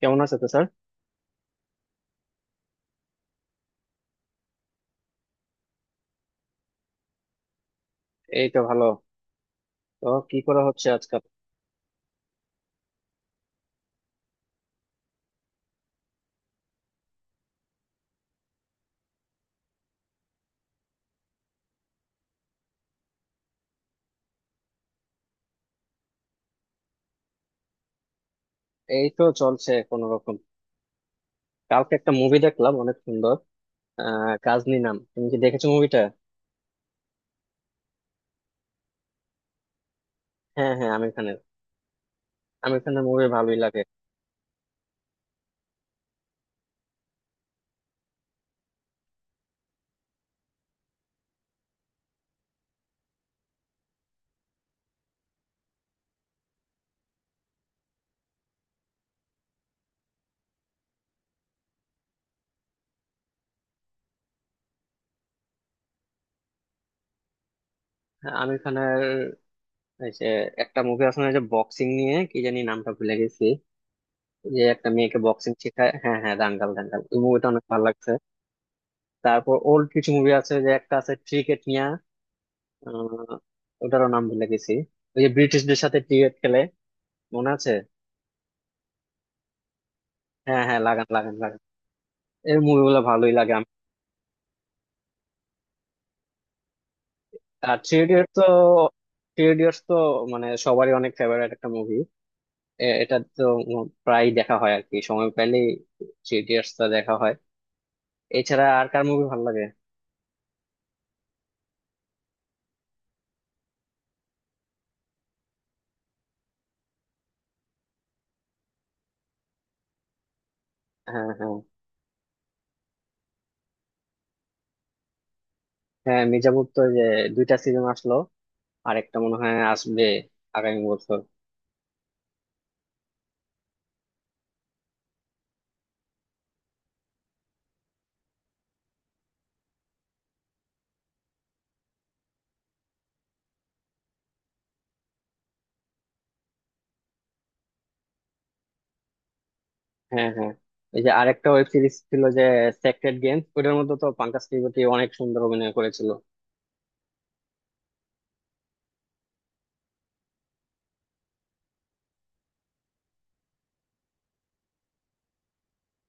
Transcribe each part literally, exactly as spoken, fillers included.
কেমন আছে তো স্যার? এই তো ভালো। তো কি করা হচ্ছে আজকাল? এই তো চলছে কোনো রকম। কালকে একটা মুভি দেখলাম, অনেক সুন্দর। আহ কাজনি নাম, তুমি কি দেখেছো মুভিটা? হ্যাঁ হ্যাঁ, আমির খানের। আমির খানের মুভি ভালোই লাগে। হ্যাঁ, আমির খানের। এই যে একটা মুভি আছে না, এই যে বক্সিং নিয়ে, কি জানি নামটা ভুলে গেছি, যে একটা মেয়েকে বক্সিং শেখায়। হ্যাঁ হ্যাঁ, দাঙ্গাল দাঙ্গাল, ওই মুভিটা অনেক ভালো লাগছে। তারপর ওর কিছু মুভি আছে, যে একটা আছে ক্রিকেট নিয়ে, আহ ওটারও নাম ভুলে গেছি। ওই যে ব্রিটিশদের সাথে ক্রিকেট খেলে, মনে আছে? হ্যাঁ হ্যাঁ, লাগান লাগান লাগান। এর মুভিগুলো ভালোই লাগে আমার। আর থ্রি ইডিয়টস তো, থ্রি ইডিয়টস তো মানে সবারই অনেক ফেভারিট একটা মুভি। এটা তো উম প্রায় দেখা হয় আর কি, সময় পেলেই থ্রি ইডিয়টস টা দেখা হয়। এছাড়া আর কার মুভি ভালো লাগে? হ্যাঁ হ্যাঁ হ্যাঁ। মির্জাপুর তো যে দুইটা সিজন আসলো, আর একটা মনে হয় আসবে আগামী বছর। হ্যাঁ হ্যাঁ। এই যে আরেকটা ওয়েব সিরিজ ছিল যে, সেক্রেড গেমস, ওটার মধ্যে তো পাঙ্কাজ ত্রিপাঠী অনেক সুন্দর অভিনয় করেছিল।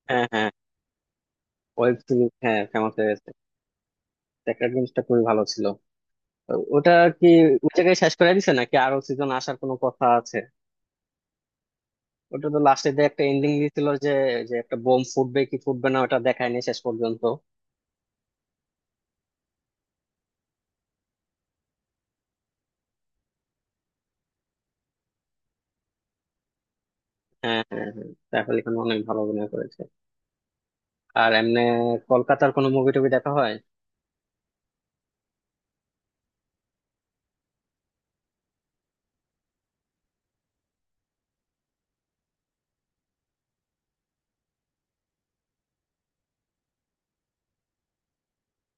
হ্যাঁ হ্যাঁ, ওয়েব সিরিজ হ্যাঁ ফেমাস হয়ে গেছে। ট্যাকরা গেমসটা খুবই ভালো ছিল। তো ওটা কি ওই জায়গায় শেষ করে দিছে, নাকি আরো সিজন আসার কোনো কথা আছে? ওটা তো লাস্টে দিয়ে একটা এন্ডিং দিছিল যে, যে একটা বোম ফুটবে কি ফুটবে না, ওটা দেখায়নি শেষ পর্যন্ত। হ্যাঁ হ্যাঁ হ্যাঁ, সাইফ আলি খান অনেক ভালো অভিনয় করেছে। আর এমনি কলকাতার কোনো মুভি টুভি দেখা হয়?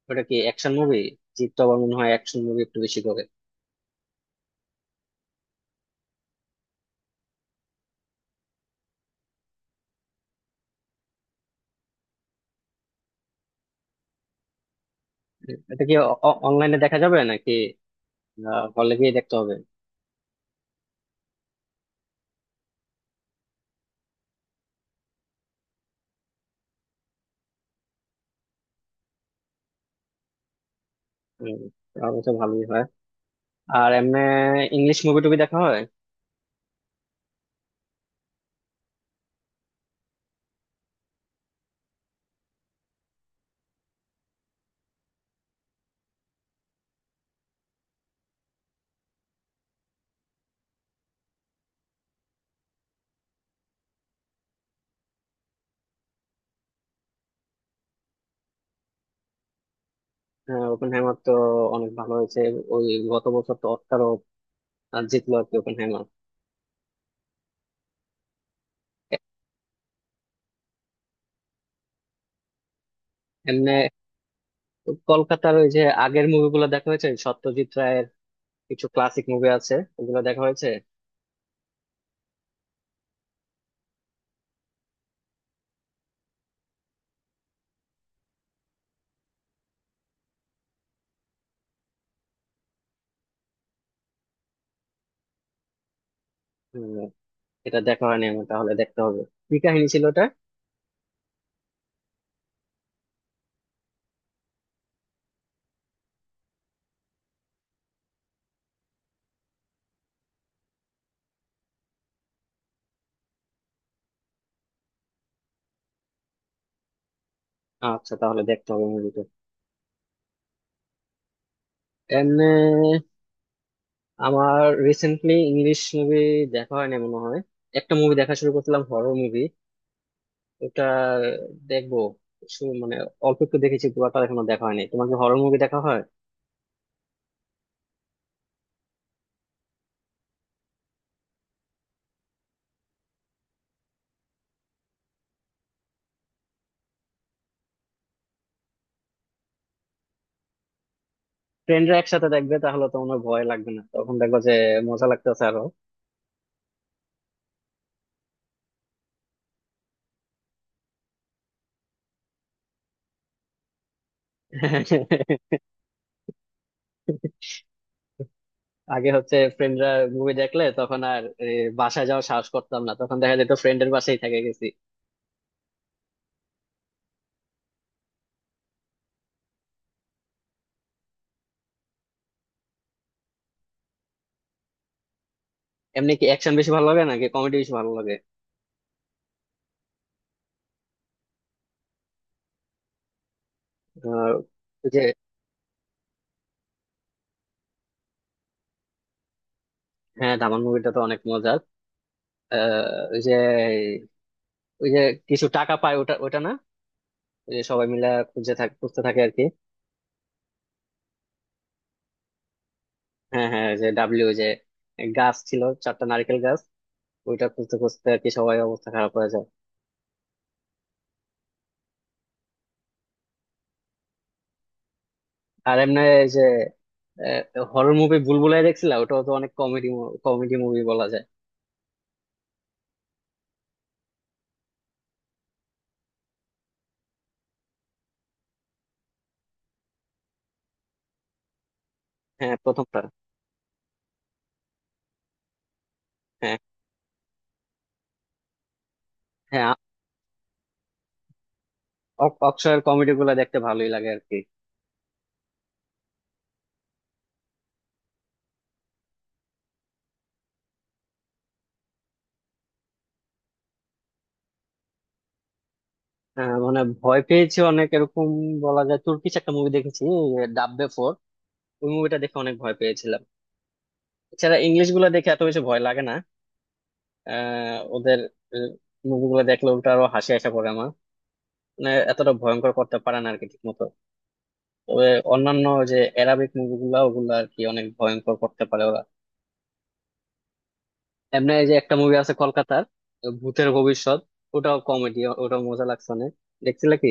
ওটা কি অ্যাকশন মুভি? জিৎ তো আবার মনে হয় অ্যাকশন মুভি একটু বেশি করে। হুম, এটা কি অনলাইনে দেখা যাবে নাকি হলে গিয়ে দেখতে হবে? হম, তাহলে তো ভালোই হয়। আর এমনি ইংলিশ মুভি টুভি দেখা হয়? হ্যাঁ ওপেন হ্যামার তো অনেক ভালো হয়েছে। ওই গত বছর তো অস্কারও আহ, জিতলো আর কি ওপেন হ্যামার। এমনি কলকাতার ওই যে আগের মুভিগুলো দেখা হয়েছে, সত্যজিৎ রায়ের কিছু ক্লাসিক মুভি আছে, ওগুলো দেখা হয়েছে? হম, এটা দেখা হয়নি আমার, তাহলে দেখতে হবে। কি কাহিনী ছিল ওটা? আচ্ছা তাহলে দেখতে হবে মুভিটা। এমনি আমার রিসেন্টলি ইংলিশ মুভি দেখা হয়নি মনে হয়। একটা মুভি দেখা শুরু করছিলাম, হরর মুভি, ওটা দেখবো। শু- মানে অল্প একটু দেখেছি, পুরোটা এখনো দেখা হয়নি। তোমার কি হরর মুভি দেখা হয়? ফ্রেন্ডরা একসাথে দেখবে, তাহলে তো মনে হয় ভয় লাগবে না, তখন দেখবো যে মজা লাগতেছে আরো। আগে হচ্ছে ফ্রেন্ডরা মুভি দেখলে তখন আর এ, বাসায় যাওয়ার সাহস করতাম না, তখন দেখা যেত ফ্রেন্ডের বাসায় থেকে গেছি। এমনি কি অ্যাকশন বেশি ভালো লাগে নাকি কমেডি বেশি ভালো লাগে? আহ, ওই যে। হ্যাঁ ধামাল মুভিটা তো অনেক মজার। আহ, ওই যে, ওই যে কিছু টাকা পায়, ওটা ওটা না, ওই যে সবাই মিলে খুঁজে থাকে, খুঁজতে থাকে আর কি। হ্যাঁ হ্যাঁ, ওই যে ডাব্লিউ যে গাছ ছিল, চারটা নারকেল গাছ, ওইটা খুঁজতে খুঁজতে আর কি সবাই অবস্থা খারাপ হয়ে যায়। আর এমনি এই যে হরর মুভি বুলবুলাই দেখছিলা, ওটাও তো অনেক কমেডি, কমেডি মুভি বলা যায়। হ্যাঁ প্রথমটা। হ্যাঁ হ্যাঁ। অ- অক্ষয়ের কমেডি গুলা দেখতে ভালোই লাগে আর কি। আহ, মানে ভয় পেয়েছি অনেক, এরকম বলা যায় তুর্কিশ একটা মুভি দেখেছি, ডাব্বে ফোর, ওই মুভিটা দেখে অনেক ভয় পেয়েছিলাম। এছাড়া ইংলিশ গুলা দেখে এত বেশি ভয় লাগে না। আহ ওদের মুভিগুলো দেখলে ওটা আরো হাসি আসা পড়ে আমার, মানে এতটা ভয়ঙ্কর করতে পারে না আর কি ঠিক মতো। তবে অন্যান্য যে অ্যারাবিক মুভিগুলা ওগুলা আর কি অনেক ভয়ঙ্কর করতে পারে ওরা। এমনি এই যে একটা মুভি আছে কলকাতার, ভূতের ভবিষ্যৎ, ওটাও কমেডি, ওটাও মজা লাগছে অনেক। দেখছিলে কি?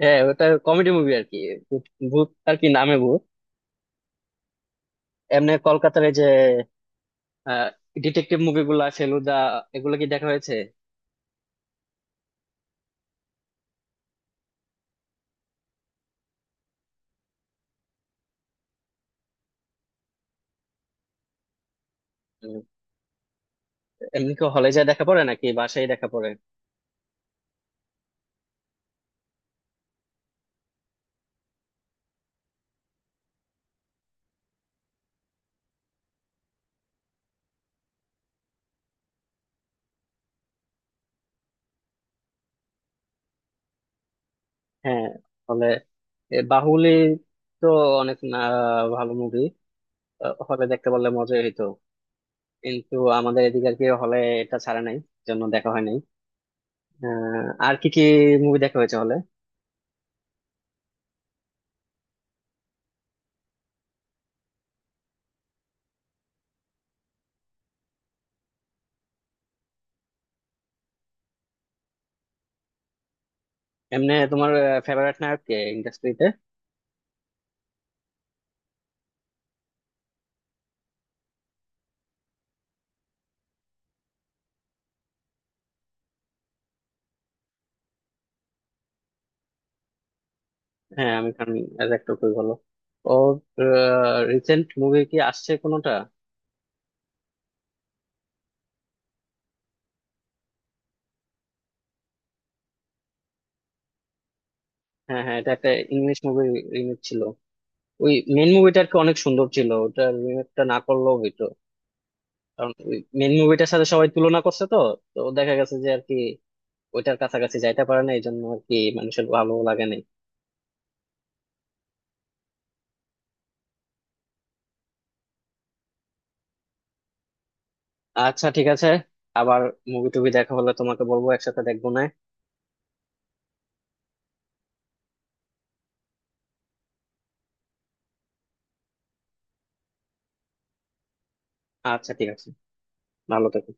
হ্যাঁ ওটা কমেডি মুভি আর কি, ভূত, ভূত আর কি নামে, ভূত। এমনি কলকাতার এই যে ডিটেকটিভ মুভিগুলা ফেলুদা, এগুলো কি দেখা হয়েছে? উম, এমনি কি হলে যায় দেখা পড়ে নাকি বাসায় দেখা পড়ে? হ্যাঁ হলে। এ, বাহুবলী তো অনেক না ভালো মুভি, হলে দেখতে পারলে মজাই হইতো। কিন্তু আমাদের এদিকে আর কি হলে এটা ছাড়া নাই, জন্য দেখা হয়নি। আহ, আর কি কি মুভি দেখা হয়েছে হলে? এমনি তোমার ফেভারিট নায়ক কে ইন্ডাস্ট্রিতে? হ্যাঁ আমি খান অ্যাজ অ্যাক্টর খুবই ভালো। ওর রিসেন্ট মুভি কি আসছে কোনোটা? হ্যাঁ হ্যাঁ, এটা একটা ইংলিশ মুভি রিমেক ছিল। ওই মেন মুভিটা আর কি অনেক সুন্দর ছিল, ওটা রিমেকটা না করলেও হইতো। কারণ ওই মেন মুভিটার সাথে সবাই তুলনা করছে তো, তো দেখা গেছে যে আর কি ওইটার কাছাকাছি যাইতে পারে না, এই জন্য আর কি মানুষের ভালো লাগে নাই। আচ্ছা ঠিক আছে। আবার মুভি টুভি দেখা হলে তোমাকে বলবো, একসাথে দেখবো না। আচ্ছা ঠিক আছে, ভালো থেকো।